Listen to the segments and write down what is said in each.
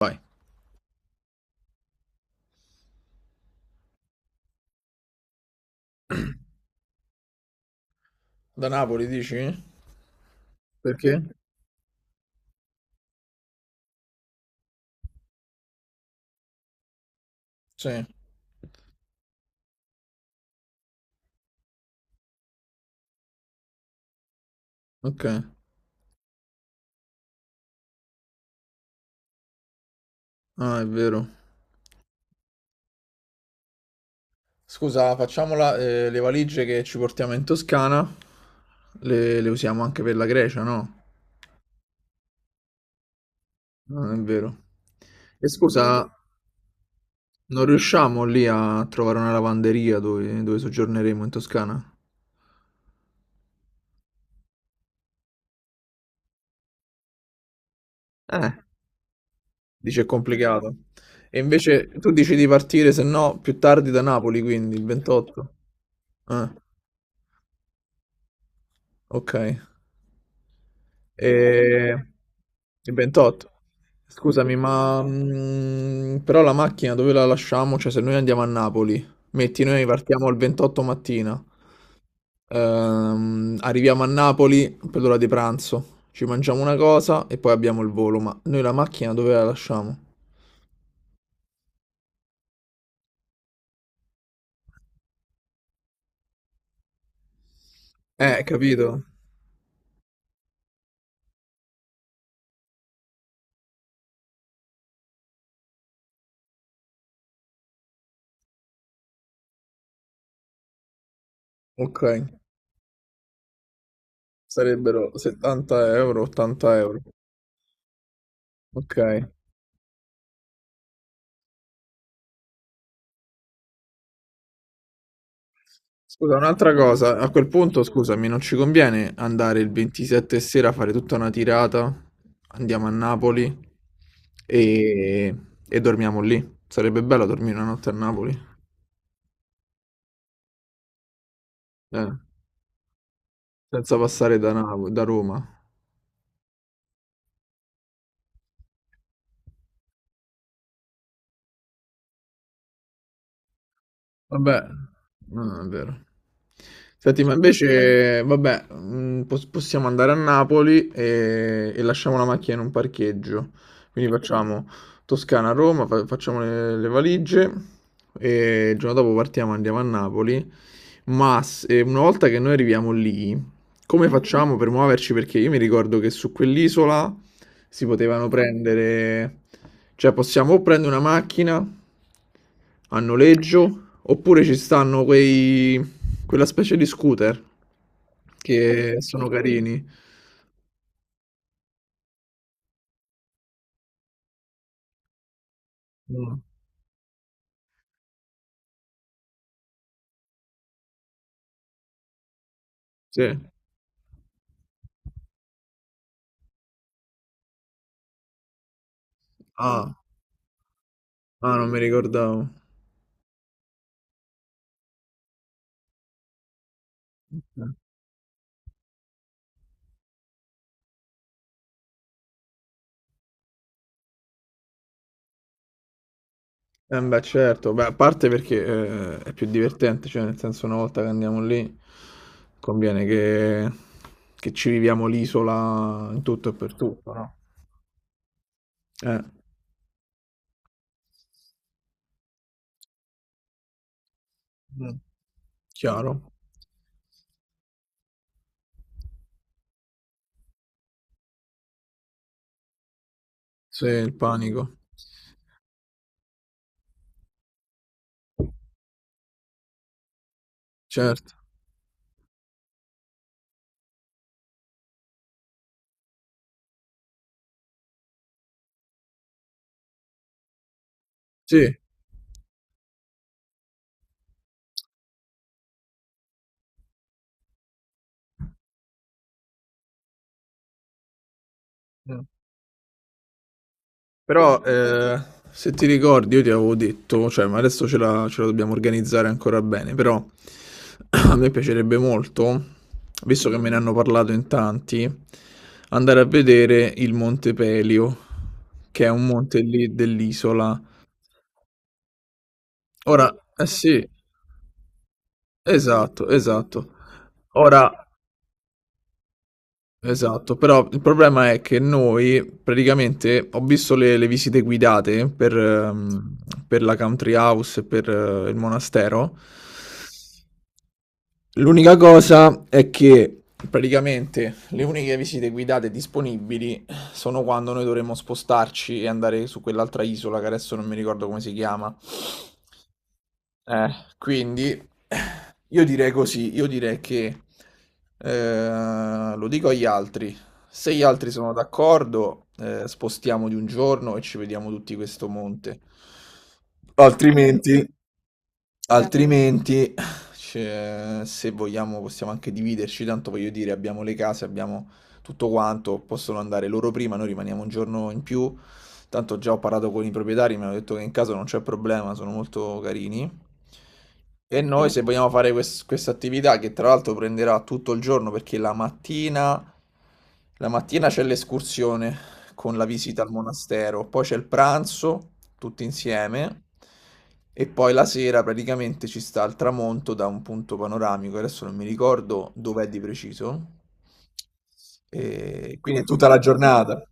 Vai. Da Napoli, dici? Perché? Sì. Ok. Ah, è vero. Scusa, facciamola, le valigie che ci portiamo in Toscana le usiamo anche per la Grecia, no? Non è vero. E scusa, non riusciamo lì a trovare una lavanderia dove soggiorneremo in Toscana? Eh, dice è complicato. E invece tu dici di partire, se no, più tardi da Napoli, quindi il 28. Eh, ok. E... Il 28. Scusami, ma però la macchina dove la lasciamo? Cioè, se noi andiamo a Napoli, metti, noi partiamo il 28 mattina, arriviamo a Napoli per l'ora di pranzo, ci mangiamo una cosa e poi abbiamo il volo, ma noi la macchina dove la lasciamo? Capito? Ok, sarebbero 70 euro, 80 euro. Ok. Scusa, un'altra cosa, a quel punto, scusami, non ci conviene andare il 27 sera a fare tutta una tirata? Andiamo a Napoli e, e dormiamo lì. Sarebbe bello dormire una notte a Napoli, eh, senza passare da Roma. Vabbè, no, non è vero. Senti, ma invece, vabbè, possiamo andare a Napoli e lasciamo la macchina in un parcheggio. Quindi facciamo Toscana-Roma, facciamo le valigie e il giorno dopo partiamo, andiamo a Napoli. Ma una volta che noi arriviamo lì, come facciamo per muoverci? Perché io mi ricordo che su quell'isola si potevano prendere, cioè possiamo o prendere una macchina a noleggio, oppure ci stanno quella specie di scooter che sono carini. Mm, sì. Ah, ah, non mi ricordavo. Eh beh, certo, beh, a parte perché è più divertente, cioè nel senso una volta che andiamo lì conviene che ci viviamo l'isola in tutto e per tutto, no? Eh, Mm. Chiaro. Sì, il panico, certo. Sì, Mm. Però se ti ricordi io ti avevo detto, cioè, ma adesso ce la dobbiamo organizzare ancora bene, però a me piacerebbe molto, visto che me ne hanno parlato in tanti, andare a vedere il Monte Pelio, che è un monte lì dell'isola. Ora, eh sì, esatto, esatto. Ora. Esatto, però il problema è che noi praticamente ho visto le visite guidate per la country house e per il monastero. L'unica cosa è che praticamente le uniche visite guidate disponibili sono quando noi dovremmo spostarci e andare su quell'altra isola che adesso non mi ricordo come si chiama. Eh, quindi io direi così, io direi che lo dico agli altri. Se gli altri sono d'accordo, spostiamo di un giorno e ci vediamo tutti questo monte. Altrimenti, Altrimenti, cioè, se vogliamo, possiamo anche dividerci. Tanto voglio dire, abbiamo le case, abbiamo tutto quanto. Possono andare loro prima, noi rimaniamo un giorno in più. Tanto già ho parlato con i proprietari, mi hanno detto che in casa non c'è problema, sono molto carini. E noi, se vogliamo fare questa attività, che tra l'altro prenderà tutto il giorno, perché la mattina c'è l'escursione con la visita al monastero, poi c'è il pranzo tutti insieme e poi la sera praticamente ci sta il tramonto da un punto panoramico, adesso non mi ricordo dov'è di preciso, e quindi è tutta la giornata.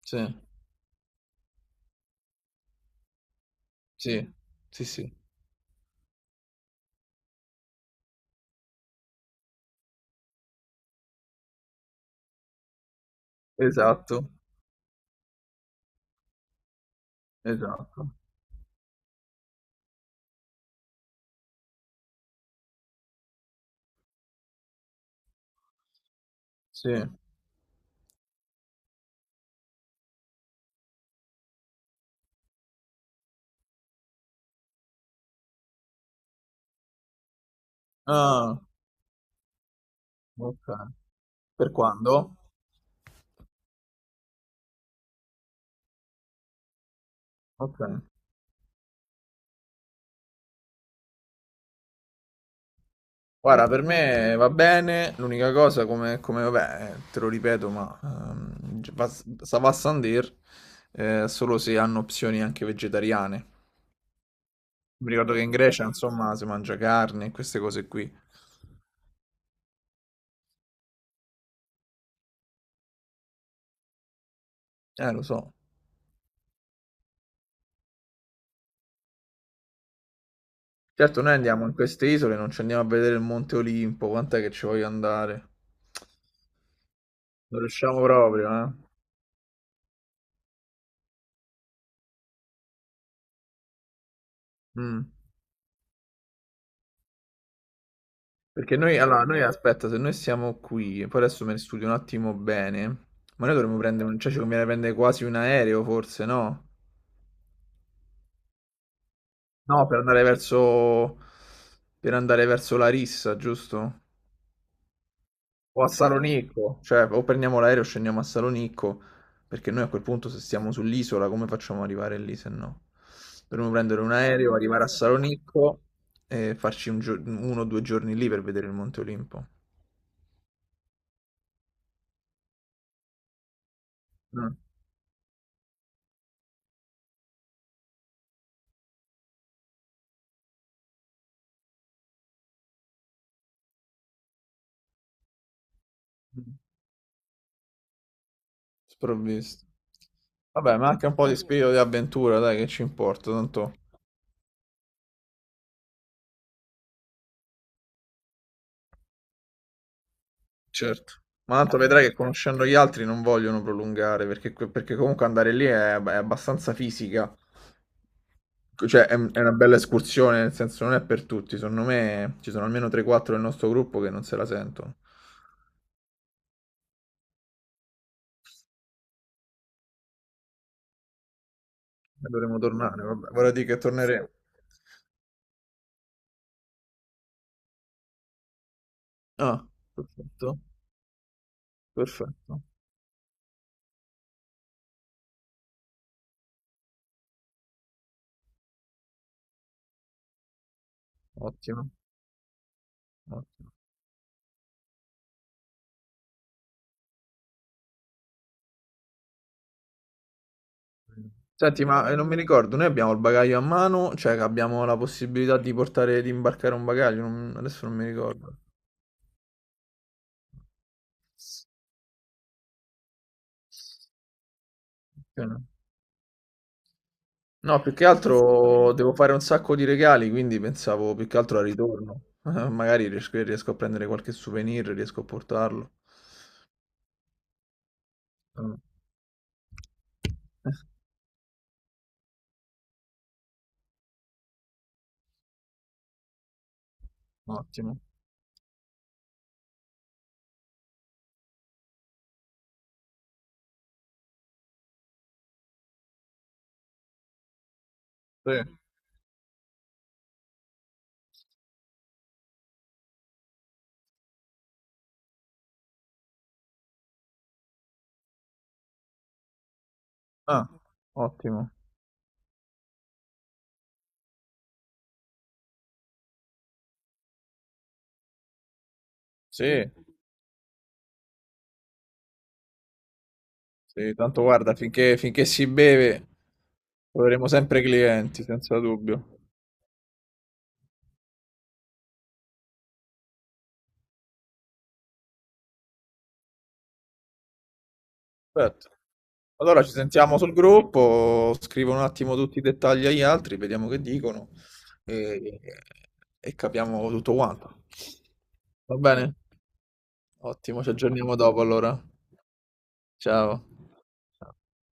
Sì, sì, sì, sì, esatto, esatto, sì. Ah, ok. Per quando? Ok. Guarda, per me va bene, l'unica cosa come, vabbè, te lo ripeto, ma Sava Sandir solo se hanno opzioni anche vegetariane. Mi ricordo che in Grecia, insomma, si mangia carne e queste cose qui. Lo so. Certo, noi andiamo in queste isole, non ci andiamo a vedere il Monte Olimpo, quant'è che ci voglio andare? Non riusciamo proprio, eh? Mm. Perché noi, allora, noi aspetta, se noi siamo qui, poi adesso me ne studio un attimo bene, ma noi dovremmo prendere, cioè ci conviene prendere quasi un aereo forse, no? No, per andare verso, Larissa, giusto? O a Salonicco, cioè o prendiamo l'aereo e scendiamo a Salonicco, perché noi a quel punto se stiamo sull'isola come facciamo ad arrivare lì se no? Dovremmo prendere un aereo, arrivare a Salonicco e farci uno o due giorni lì per vedere il Monte Olimpo. Mm. Sprovvisto. Vabbè, ma anche un po' di spirito di avventura, dai, che ci importa, tanto. Certo. Ma tanto vedrai che conoscendo gli altri non vogliono prolungare, perché comunque andare lì è abbastanza fisica. Cioè, è una bella escursione, nel senso non è per tutti. Secondo me ci sono almeno 3-4 del nostro gruppo che non se la sentono. E dovremmo tornare, vabbè. Vorrei dire che torneremo. Ah, perfetto. Perfetto. Ottimo. Ottimo. Senti, ma non mi ricordo, noi abbiamo il bagaglio a mano, cioè che abbiamo la possibilità di portare, di imbarcare un bagaglio, adesso non mi ricordo. No, no, più che altro devo fare un sacco di regali, quindi pensavo più che altro al ritorno. Magari riesco a prendere qualche souvenir, riesco a portarlo. Mm. Ottimo. Sì. Ah, ottimo. Sì, sì, tanto guarda, finché si beve troveremo sempre clienti, senza dubbio. Perfetto. Allora ci sentiamo sul gruppo, scrivo un attimo tutti i dettagli agli altri, vediamo che dicono e, e capiamo tutto quanto. Va bene? Ottimo, ci aggiorniamo dopo allora. Ciao. Ciao.